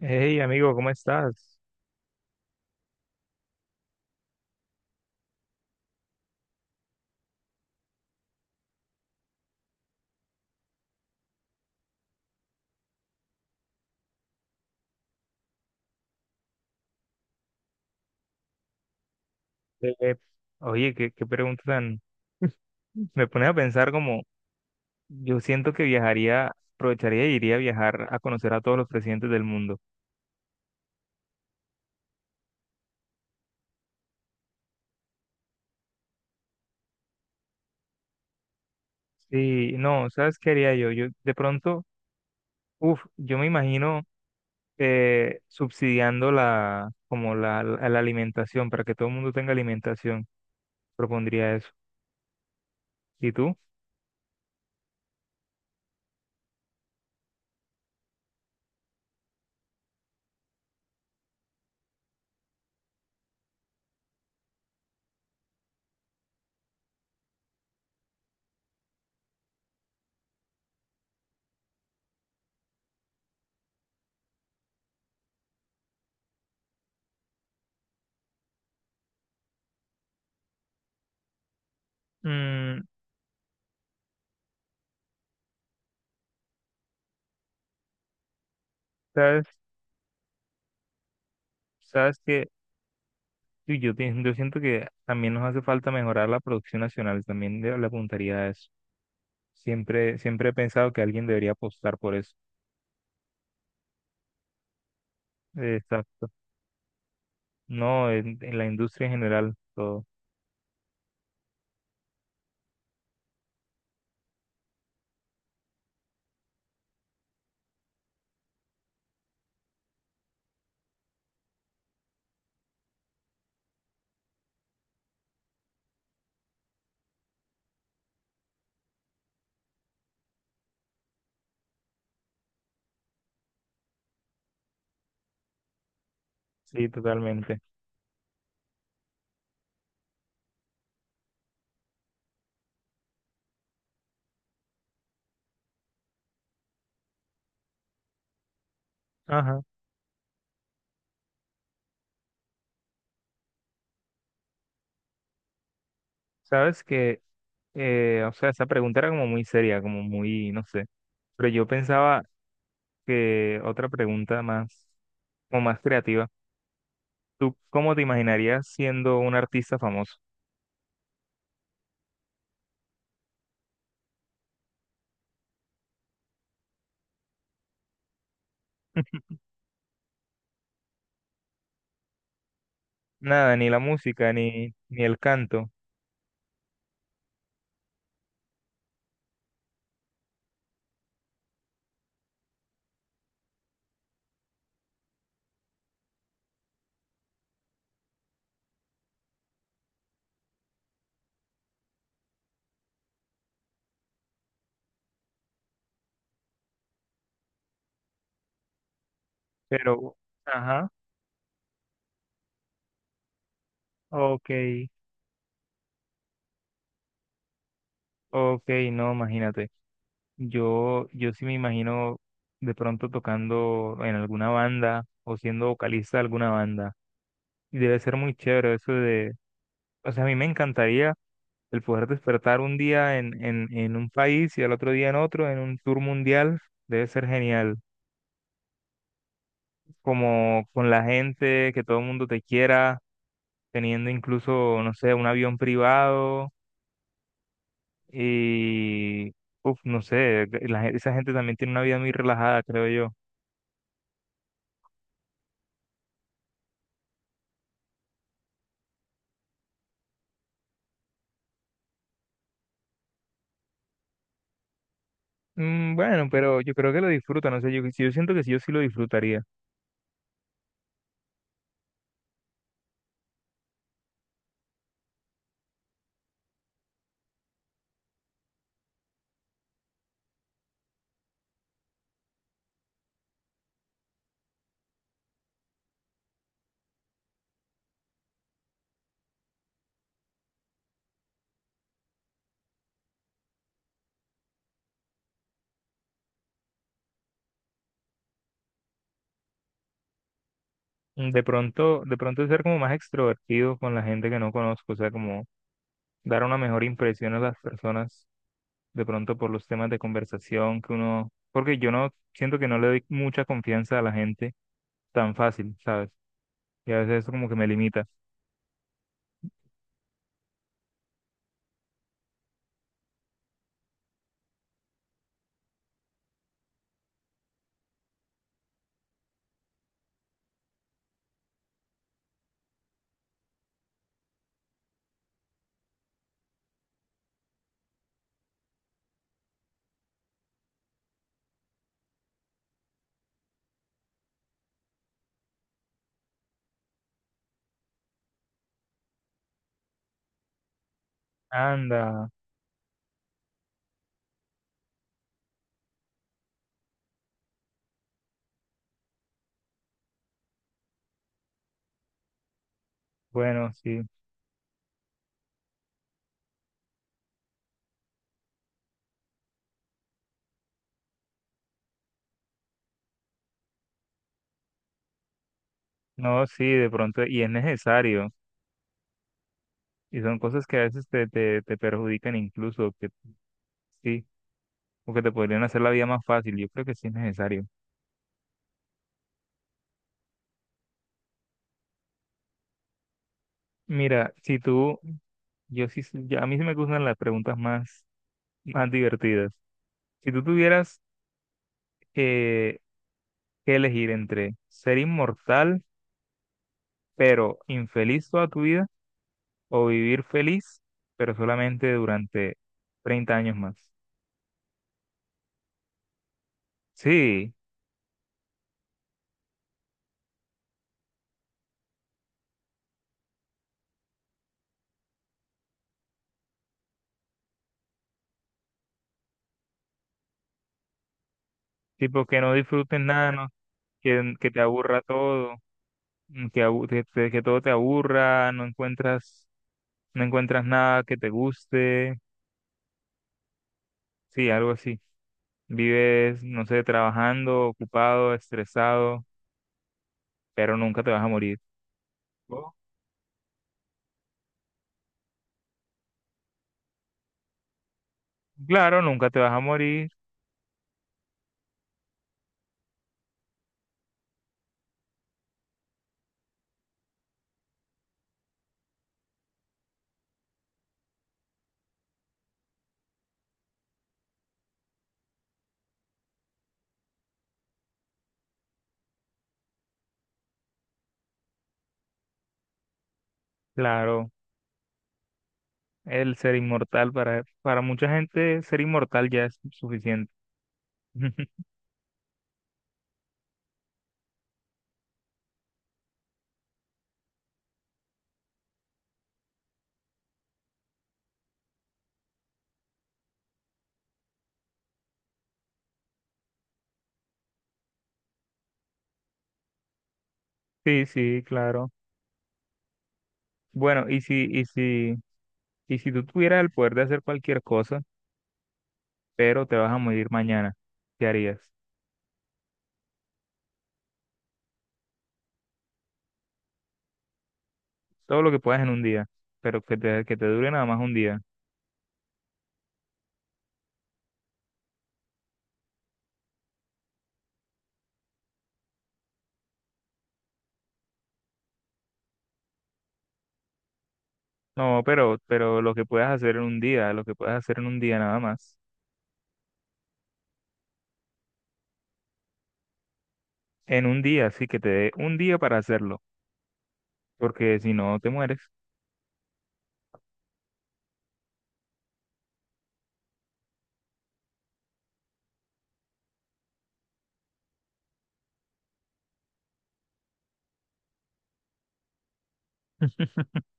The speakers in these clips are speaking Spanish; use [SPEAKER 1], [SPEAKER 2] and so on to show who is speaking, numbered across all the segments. [SPEAKER 1] Hey, amigo, ¿cómo estás? Eh, oye, qué pregunta tan. Me pones a pensar como, yo siento que viajaría, aprovecharía y iría a viajar a conocer a todos los presidentes del mundo. Sí, no, ¿sabes qué haría yo? Yo me imagino subsidiando como la alimentación, para que todo el mundo tenga alimentación, propondría eso. ¿Y tú? Mm, ¿sabes? ¿Sabes qué? Uy, yo siento que también nos hace falta mejorar la producción nacional, también le apuntaría a eso. Siempre, siempre he pensado que alguien debería apostar por eso. Exacto. No, en la industria en general, todo. Sí, totalmente. Ajá. Sabes que, o sea, esa pregunta era como muy seria, como muy, no sé. Pero yo pensaba que otra pregunta más, como más creativa. ¿Tú cómo te imaginarías siendo un artista famoso? Nada, ni la música, ni el canto. Pero, ajá, ok, ok, no, imagínate. Yo sí me imagino de pronto tocando en alguna banda o siendo vocalista de alguna banda. Y debe ser muy chévere eso de, o sea, a mí me encantaría el poder despertar un día en un país y al otro día en otro, en un tour mundial. Debe ser genial. Como con la gente, que todo el mundo te quiera, teniendo incluso, no sé, un avión privado y, no sé, esa gente también tiene una vida muy relajada, creo yo. Mm, bueno, pero yo creo que lo disfruta, no sé, yo siento que sí, yo sí lo disfrutaría. Mm, de pronto ser como más extrovertido con la gente que no conozco, o sea, como dar una mejor impresión a las personas, de pronto por los temas de conversación que uno, porque yo no siento que no le doy mucha confianza a la gente tan fácil, ¿sabes? Y a veces eso como que me limita. Anda, bueno, sí, no, sí, de pronto, y es necesario, y son cosas que a veces te perjudican incluso, que sí. O que te podrían hacer la vida más fácil. Yo creo que sí es necesario. Mira, si tú, yo sí, a mí sí me gustan las preguntas más divertidas. Si tú tuvieras eh, que elegir entre ser inmortal, pero infeliz toda tu vida, o vivir feliz, pero solamente durante 30 años más. Sí, tipo que no disfrutes nada, ¿no? Que te aburra todo, que todo te aburra, no encuentras nada que te guste, sí, algo así. Vives, no sé, trabajando, ocupado, estresado, pero nunca te vas a morir. Oh. Claro, nunca te vas a morir. Claro, el ser inmortal para mucha gente, ser inmortal ya es suficiente. Sí, sí, claro. Bueno, y si tú tuvieras el poder de hacer cualquier cosa, pero te vas a morir mañana, ¿qué harías? Todo lo que puedas en un día, pero que te dure nada más un día. No, pero lo que puedas hacer en un día, lo que puedas hacer en un día nada más. En un día, sí que te dé un día para hacerlo, porque si no te mueres.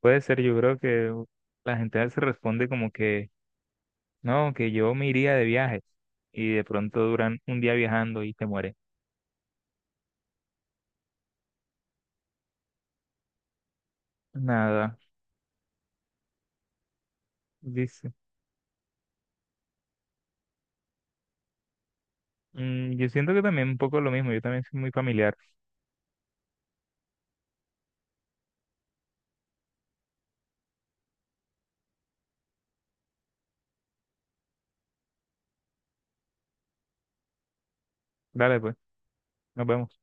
[SPEAKER 1] Puede ser, yo creo que la gente se responde como que, no, que yo me iría de viaje y de pronto duran un día viajando y te muere. Nada, dice. Mm, yo siento que también un poco lo mismo, yo también soy muy familiar. Dale, pues, nos vemos.